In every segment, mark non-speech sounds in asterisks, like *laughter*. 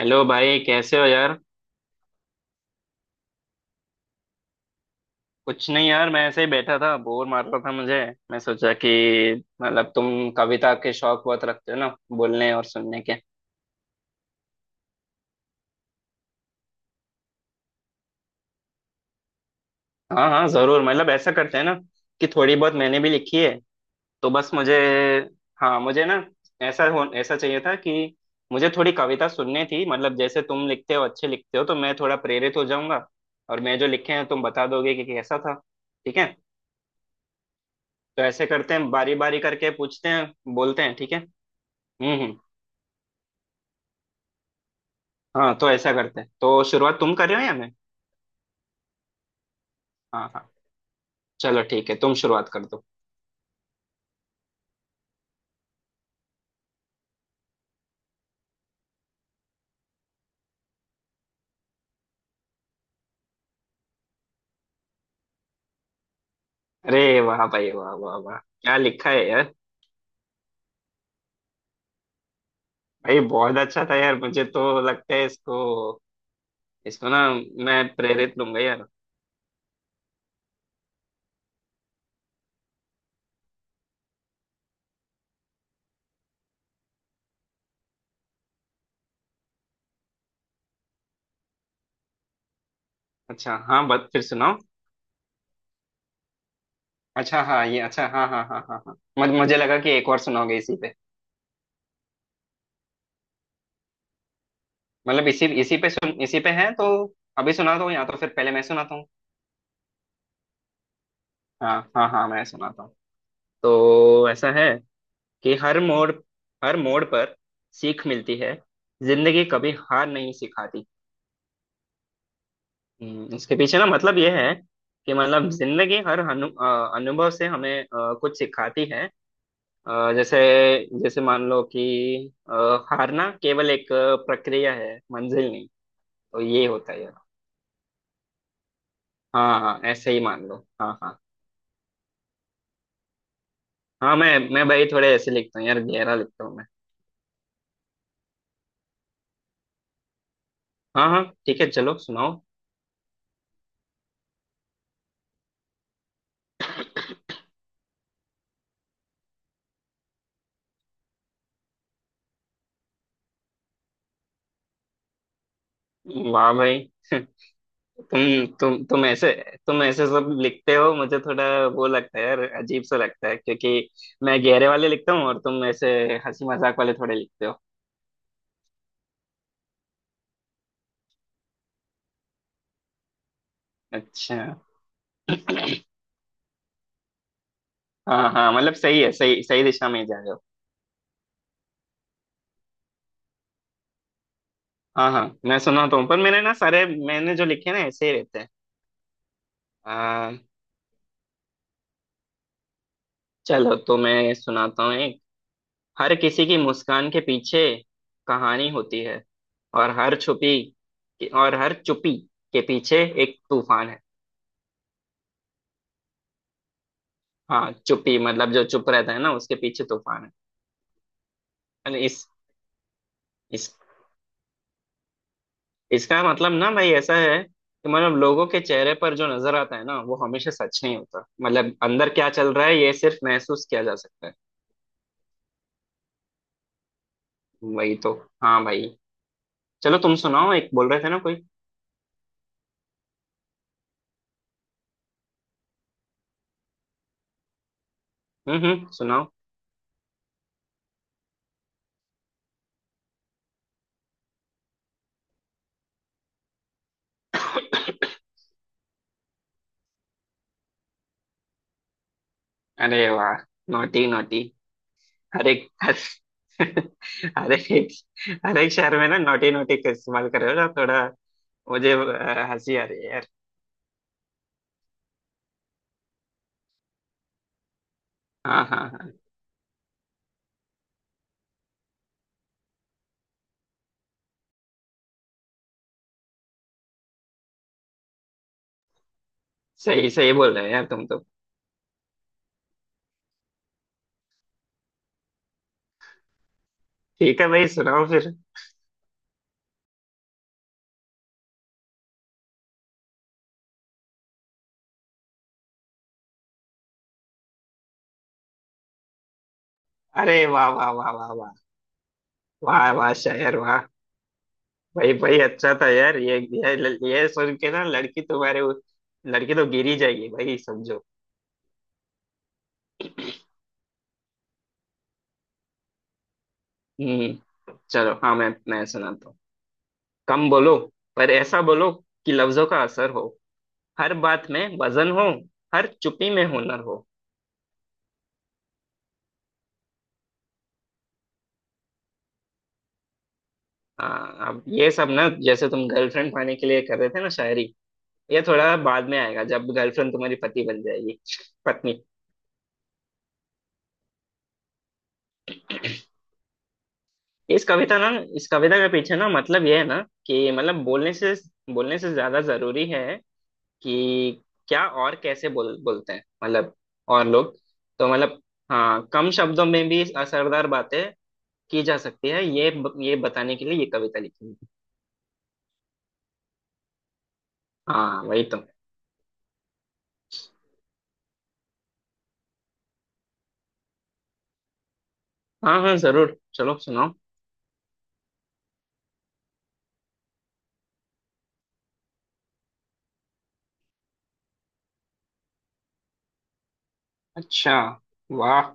Hello भाई, कैसे हो यार? कुछ नहीं यार, मैं ऐसे ही बैठा था, बोर मार रहा था मुझे। मैं सोचा कि मतलब तुम कविता के शौक बहुत रखते हो ना, बोलने और सुनने के। हाँ हाँ, जरूर। मतलब ऐसा करते हैं ना कि थोड़ी बहुत मैंने भी लिखी है। तो बस मुझे, हाँ मुझे ना, ऐसा हो ऐसा चाहिए था कि मुझे थोड़ी कविता सुननी थी। मतलब जैसे तुम लिखते हो, अच्छे लिखते हो, तो मैं थोड़ा प्रेरित हो जाऊंगा और मैं जो लिखे हैं तुम बता दोगे कि कैसा था। ठीक है। तो ऐसे करते हैं, बारी बारी करके पूछते हैं, बोलते हैं। ठीक है। हम्म। हाँ, तो ऐसा करते हैं, तो शुरुआत तुम कर रहे हो या मैं? हाँ हाँ। चलो ठीक है, तुम शुरुआत कर दो। अरे वाह भाई, वाह वाह वाह, क्या लिखा है यार! भाई बहुत अच्छा था यार, मुझे तो लगता है इसको, इसको ना, मैं प्रेरित लूंगा यार। अच्छा, हाँ, बस फिर सुनाओ। अच्छा हाँ ये, अच्छा हाँ हाँ हाँ हाँ हाँ, मुझे लगा कि एक और सुनाओगे इसी पे। मतलब इसी इसी पे सुन, इसी पे है तो अभी सुना दो या तो फिर पहले मैं सुनाता हूँ। हाँ हाँ हाँ, मैं सुनाता हूँ। तो ऐसा है कि हर मोड़, हर मोड़ पर सीख मिलती है, जिंदगी कभी हार नहीं सिखाती। इसके पीछे ना मतलब ये है कि मतलब जिंदगी हर अनुभव से हमें कुछ सिखाती है। जैसे, जैसे मान लो कि, अ, हारना केवल एक प्रक्रिया है, मंजिल नहीं। तो ये होता है यार। हाँ हाँ, ऐसे ही मान लो, हाँ हाँ। हाँ, मैं भाई थोड़े ऐसे लिखता हूँ यार, गहरा लिखता हूँ मैं। हाँ हाँ, ठीक है, चलो सुनाओ। वाह भाई! *laughs* तुम ऐसे, तुम ऐसे सब लिखते हो, मुझे थोड़ा वो लगता है यार, अजीब सा लगता है, क्योंकि मैं गहरे वाले लिखता हूँ और तुम ऐसे हंसी मजाक वाले थोड़े लिखते हो। अच्छा, हाँ हाँ, मतलब सही है, सही सही दिशा में ही जा रहे हो। हाँ हाँ, मैं सुनाता हूँ, पर मैंने ना सारे मैंने जो लिखे ना ऐसे ही रहते हैं। आ, चलो तो मैं सुनाता हूँ एक। हर किसी की मुस्कान के पीछे कहानी होती है, और हर छुपी, और हर चुपी के पीछे एक तूफान है। हाँ, चुप्पी मतलब जो चुप रहता है ना उसके पीछे तूफान है। अरे इस इसका मतलब ना भाई ऐसा है कि मतलब लोगों के चेहरे पर जो नजर आता है ना वो हमेशा सच नहीं होता, मतलब अंदर क्या चल रहा है ये सिर्फ महसूस किया जा सकता है। वही तो। हाँ भाई। चलो तुम सुनाओ एक, बोल रहे थे ना कोई। हम्म, सुनाओ। *coughs* अरे वाह! Naughty naughty. हर एक *laughs* हर, हर एक, हर एक शहर में ना नोटी नोटी का इस्तेमाल कर रहे हो ना थोड़ा। मुझे हंसी आ रही है यार। हाँ हाँ हाँ। सही सही बोल रहे हैं यार तुम तो। ठीक है भाई सुनाओ फिर। अरे वाह वाह वाह वाह वाह! वाह वाह शायर वाह! भाई भाई, अच्छा था यार, ये सुन के ना लड़की तुम्हारे लड़की तो गिर ही जाएगी भाई समझो। हम्म, चलो हाँ, मैं सुनाता हूँ। कम बोलो, पर ऐसा बोलो कि लफ्जों का असर हो, हर बात में वजन हो, हर चुप्पी में हुनर हो। हाँ, अब ये सब ना जैसे तुम गर्लफ्रेंड पाने के लिए कर रहे थे ना शायरी, ये थोड़ा बाद में आएगा जब गर्लफ्रेंड तुम्हारी पति बन जाएगी। पत्नी। इस कविता ना इस कविता के पीछे ना मतलब ये है ना कि मतलब बोलने से, बोलने से ज्यादा जरूरी है कि क्या और कैसे बोलते हैं, मतलब, और लोग। तो मतलब, हाँ कम शब्दों में भी असरदार बातें की जा सकती है, ये ये बताने के लिए ये कविता लिखी है। हाँ वही तो। हाँ हाँ जरूर, चलो सुनाओ। अच्छा, वाह,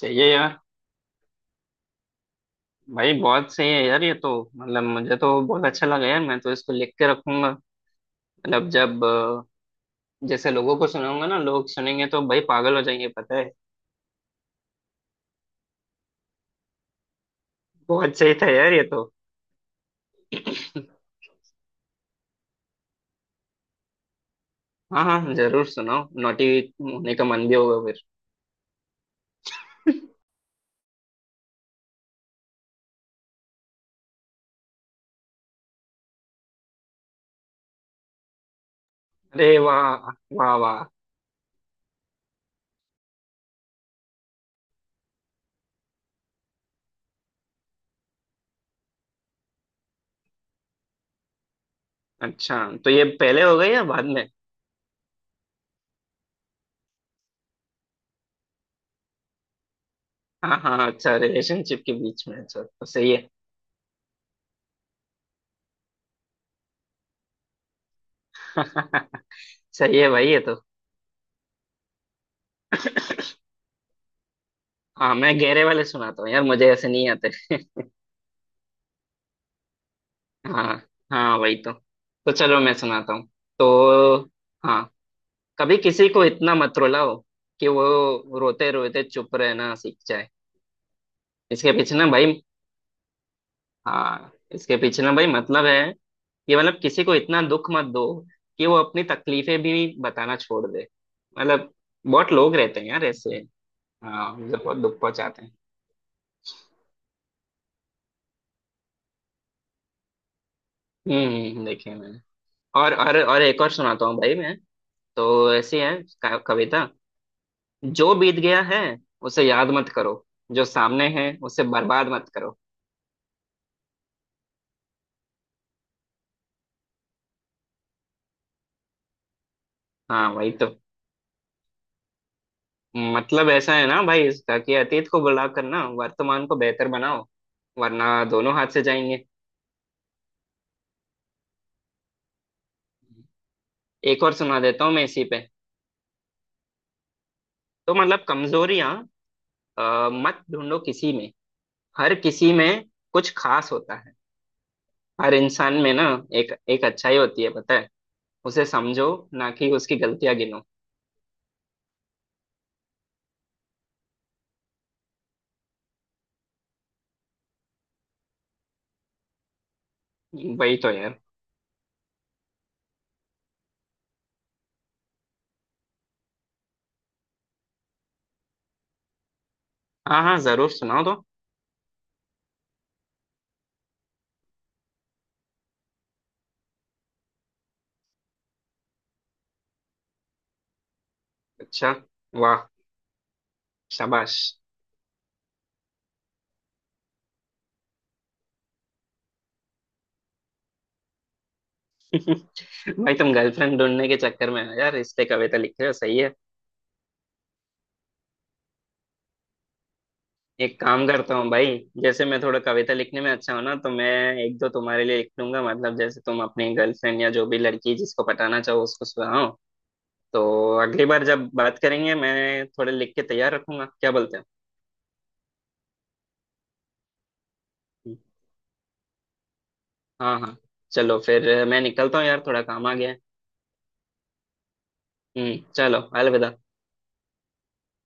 सही है यार। भाई बहुत सही है यार ये तो। मतलब मुझे तो बहुत अच्छा लगा यार, मैं तो इसको लिख के रखूंगा। मतलब जब, जैसे लोगों को सुनाऊंगा ना लोग सुनेंगे तो भाई पागल हो जाएंगे पता है। बहुत सही था यार ये तो। हाँ हाँ जरूर सुनाओ, नोटी होने का मन भी होगा फिर। अरे वाह वाह वाह! अच्छा तो ये पहले हो गई या बाद में? हाँ हाँ, अच्छा रिलेशनशिप के बीच में, अच्छा तो सही है। *laughs* सही है भाई ये तो। हाँ मैं गहरे वाले सुनाता हूँ यार, मुझे ऐसे नहीं आते। हाँ, हाँ वही तो। तो चलो मैं सुनाता हूँ, तो हाँ। कभी किसी को इतना मत रुलाओ कि वो रोते रोते चुप रहना सीख जाए। इसके पीछे ना भाई, हाँ इसके पीछे ना भाई मतलब है कि मतलब किसी को इतना दुख मत दो कि वो अपनी तकलीफें भी बताना छोड़ दे। मतलब बहुत लोग रहते हैं यार ऐसे, हाँ जो बहुत दुख पहुंचाते हैं। देखे मैंने। और एक और सुनाता हूँ भाई मैं। तो ऐसी है कविता। जो बीत गया है उसे याद मत करो, जो सामने है उसे बर्बाद मत करो। हाँ वही तो। मतलब ऐसा है ना भाई इसका कि अतीत को बुला कर ना वर्तमान को बेहतर बनाओ, वरना दोनों हाथ से जाएंगे। एक और सुना देता हूँ मैं इसी पे। तो मतलब कमजोरियां मत ढूंढो किसी में, हर किसी में कुछ खास होता है, हर इंसान में ना एक एक अच्छाई होती है पता है, उसे समझो ना कि उसकी गलतियां गिनो। वही तो यार। हाँ हाँ जरूर सुनाओ तो। अच्छा, वाह, शाबाश। *laughs* भाई तुम गर्लफ्रेंड ढूंढने के चक्कर में हो यार इसलिए कविता लिख रहे हो, सही है। एक काम करता हूँ भाई, जैसे मैं थोड़ा कविता लिखने में अच्छा हूँ ना, तो मैं एक दो तुम्हारे लिए लिख लूंगा, मतलब जैसे तुम अपनी गर्लफ्रेंड या जो भी लड़की जिसको पटाना चाहो उसको सुनाओ, तो अगली बार जब बात करेंगे मैं थोड़े लिख के तैयार रखूंगा, क्या बोलते हो? हाँ हाँ। चलो फिर, मैं निकलता हूँ यार, थोड़ा काम आ गया है। हम्म, चलो, अलविदा।